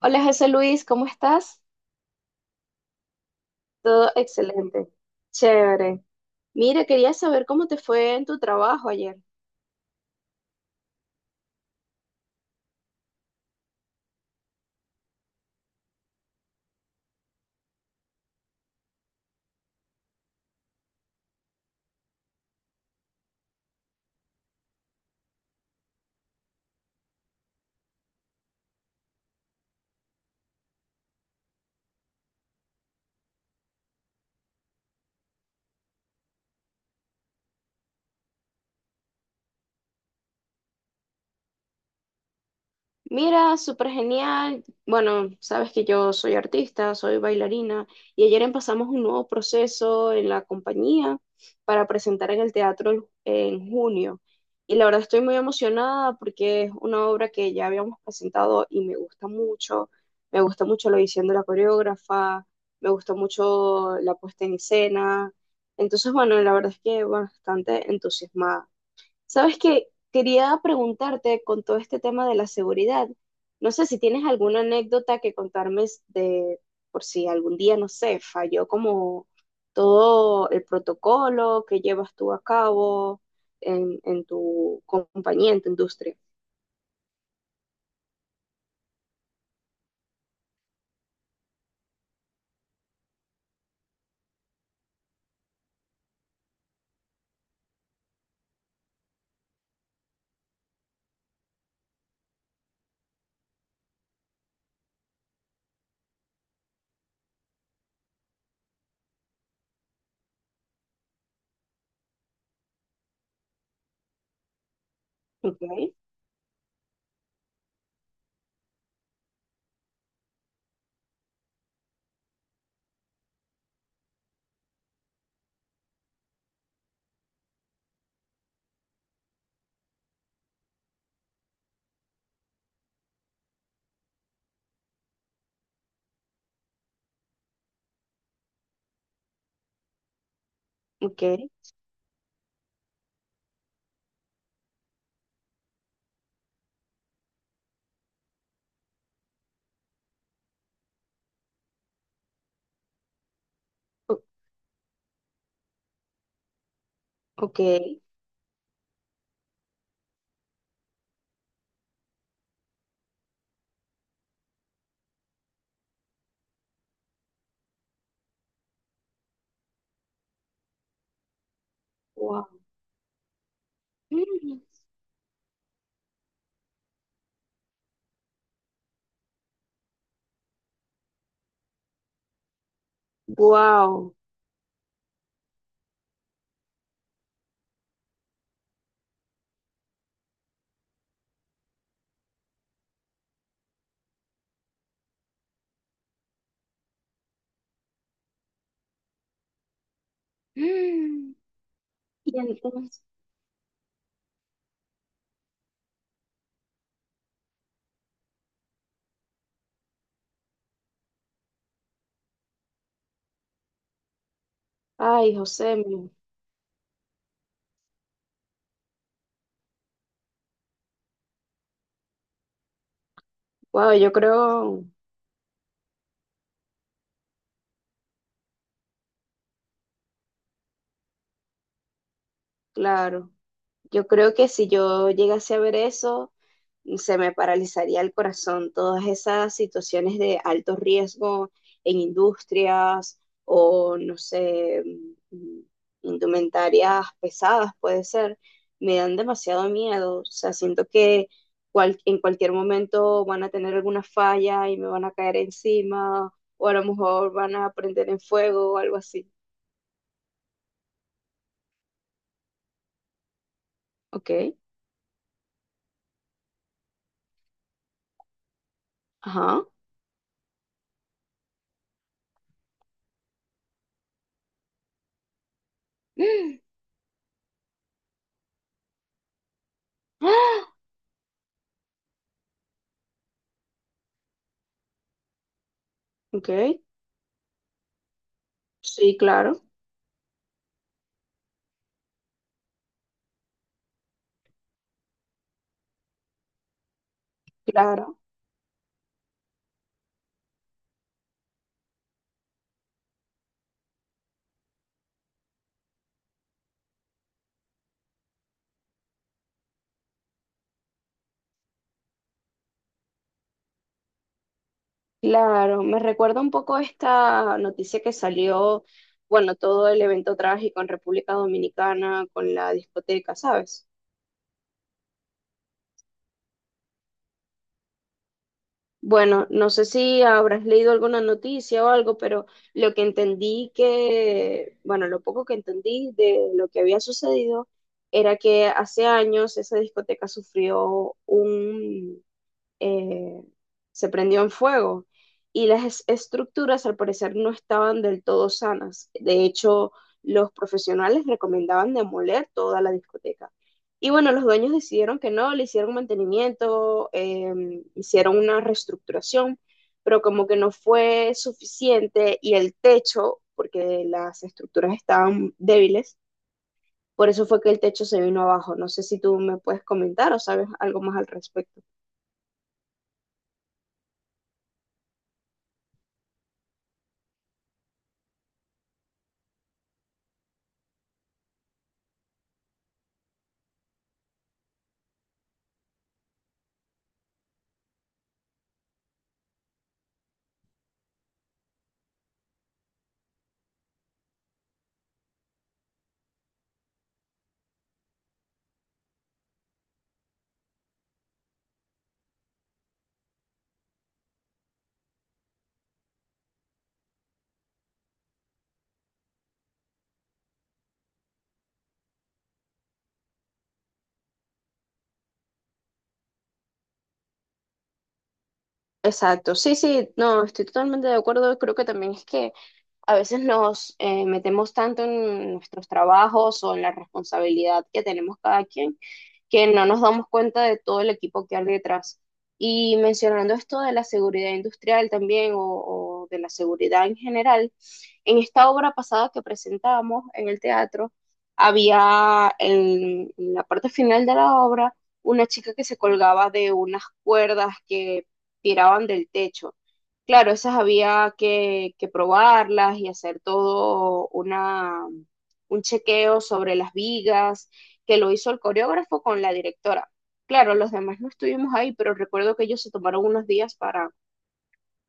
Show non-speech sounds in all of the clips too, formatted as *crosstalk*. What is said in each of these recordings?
Hola José Luis, ¿cómo estás? Todo excelente. Chévere. Mira, quería saber cómo te fue en tu trabajo ayer. Mira, súper genial. Bueno, sabes que yo soy artista, soy bailarina y ayer empezamos un nuevo proceso en la compañía para presentar en el teatro en junio. Y la verdad estoy muy emocionada porque es una obra que ya habíamos presentado y me gusta mucho. Me gusta mucho la visión de la coreógrafa, me gusta mucho la puesta en escena. Entonces, bueno, la verdad es que bueno, bastante entusiasmada. Sabes que quería preguntarte con todo este tema de la seguridad. No sé si tienes alguna anécdota que contarme de por si algún día, no sé, falló como todo el protocolo que llevas tú a cabo en tu compañía, en tu industria. Ok, ok, o- ok. Wow. Wow. Y entonces, ay, José, wow, yo creo, claro. Yo creo que si yo llegase a ver eso, se me paralizaría el corazón. Todas esas situaciones de alto riesgo en industrias o, no sé, mm, indumentarias pesadas, puede ser, me dan demasiado miedo. O sea, siento que en cualquier momento van a tener alguna falla y me van a caer encima o a lo mejor van a prender en fuego o algo así. Ok, ajá. *gasps* Ok, sí, claro. Claro, claro. Me recuerda un poco esta noticia que salió, bueno, todo el evento trágico en República Dominicana con la discoteca, ¿sabes? Bueno, no sé si habrás leído alguna noticia o algo, pero lo que entendí que, bueno, lo poco que entendí de lo que había sucedido era que hace años esa discoteca sufrió eh, se prendió en fuego y las estructuras al parecer no estaban del todo sanas. De hecho, los profesionales recomendaban demoler toda la discoteca. Y bueno, los dueños decidieron que no, le hicieron mantenimiento, hicieron una reestructuración, pero como que no fue suficiente y el techo, porque las estructuras estaban débiles, por eso fue que el techo se vino abajo. No sé si tú me puedes comentar o sabes algo más al respecto. Exacto, sí, sí, no, estoy totalmente de acuerdo. Creo que también es que a veces nos metemos tanto en nuestros trabajos o en la responsabilidad que tenemos cada quien que no nos damos cuenta de todo el equipo que hay detrás. Y mencionando esto de la seguridad industrial también o de la seguridad en general, en esta obra pasada que presentamos en el teatro, había en la parte final de la obra una chica que se colgaba de unas cuerdas que tiraban del techo. Claro, esas había que probarlas y hacer todo una, un chequeo sobre las vigas, que lo hizo el coreógrafo con la directora. Claro, los demás no estuvimos ahí, pero recuerdo que ellos se tomaron unos días para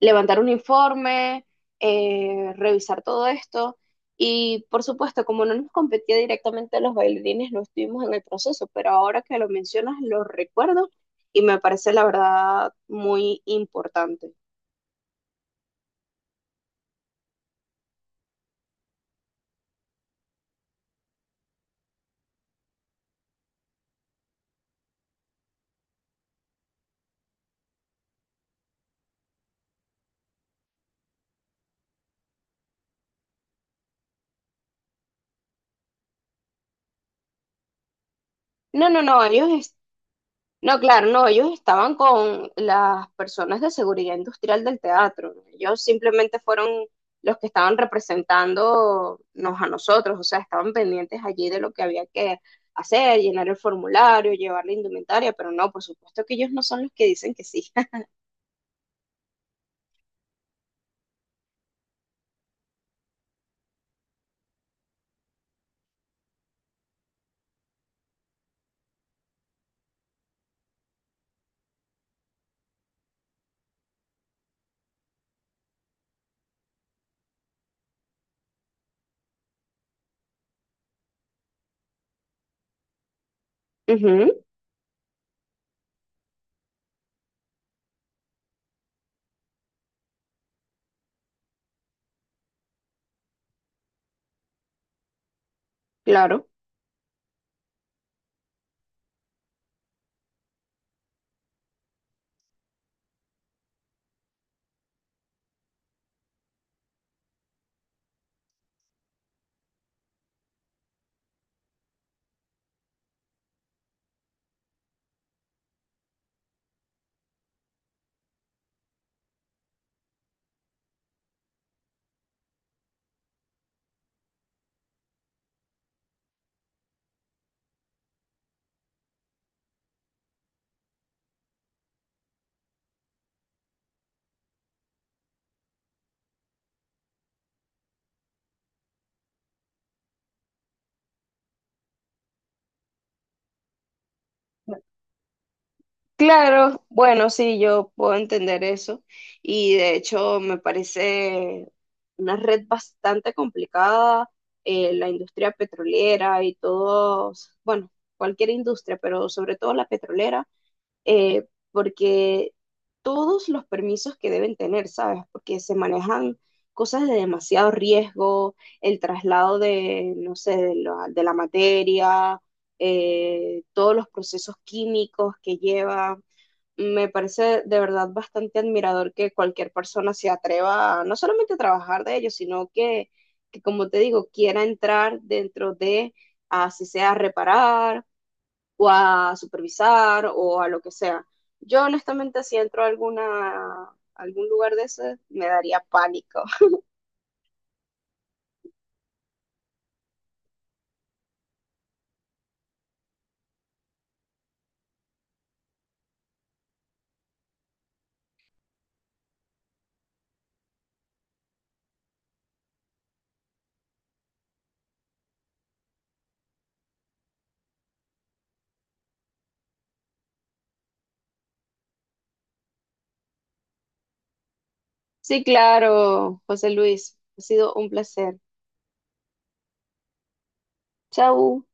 levantar un informe, revisar todo esto. Y por supuesto, como no nos competía directamente a los bailarines, no estuvimos en el proceso, pero ahora que lo mencionas, lo recuerdo y me parece la verdad muy importante. No, no, no, ellos. No, claro, no, ellos estaban con las personas de seguridad industrial del teatro, ¿no? Ellos simplemente fueron los que estaban representándonos a nosotros, o sea, estaban pendientes allí de lo que había que hacer, llenar el formulario, llevar la indumentaria, pero no, por supuesto que ellos no son los que dicen que sí. *laughs* Ujú, claro. Claro, bueno, sí, yo puedo entender eso y de hecho me parece una red bastante complicada, la industria petrolera y todos, bueno, cualquier industria, pero sobre todo la petrolera, eh, porque todos los permisos que deben tener, ¿sabes? Porque se manejan cosas de demasiado riesgo, el traslado de, no sé, de la materia, todos los procesos químicos que lleva me parece de verdad bastante admirador que cualquier persona se atreva a, no solamente a trabajar de ello, sino que, como te digo, quiera entrar dentro de, así sea a reparar o a supervisar o a lo que sea. Yo honestamente si entro a alguna, algún lugar de ese me daría pánico. *laughs* Sí, claro, José Luis, ha sido un placer. Chau.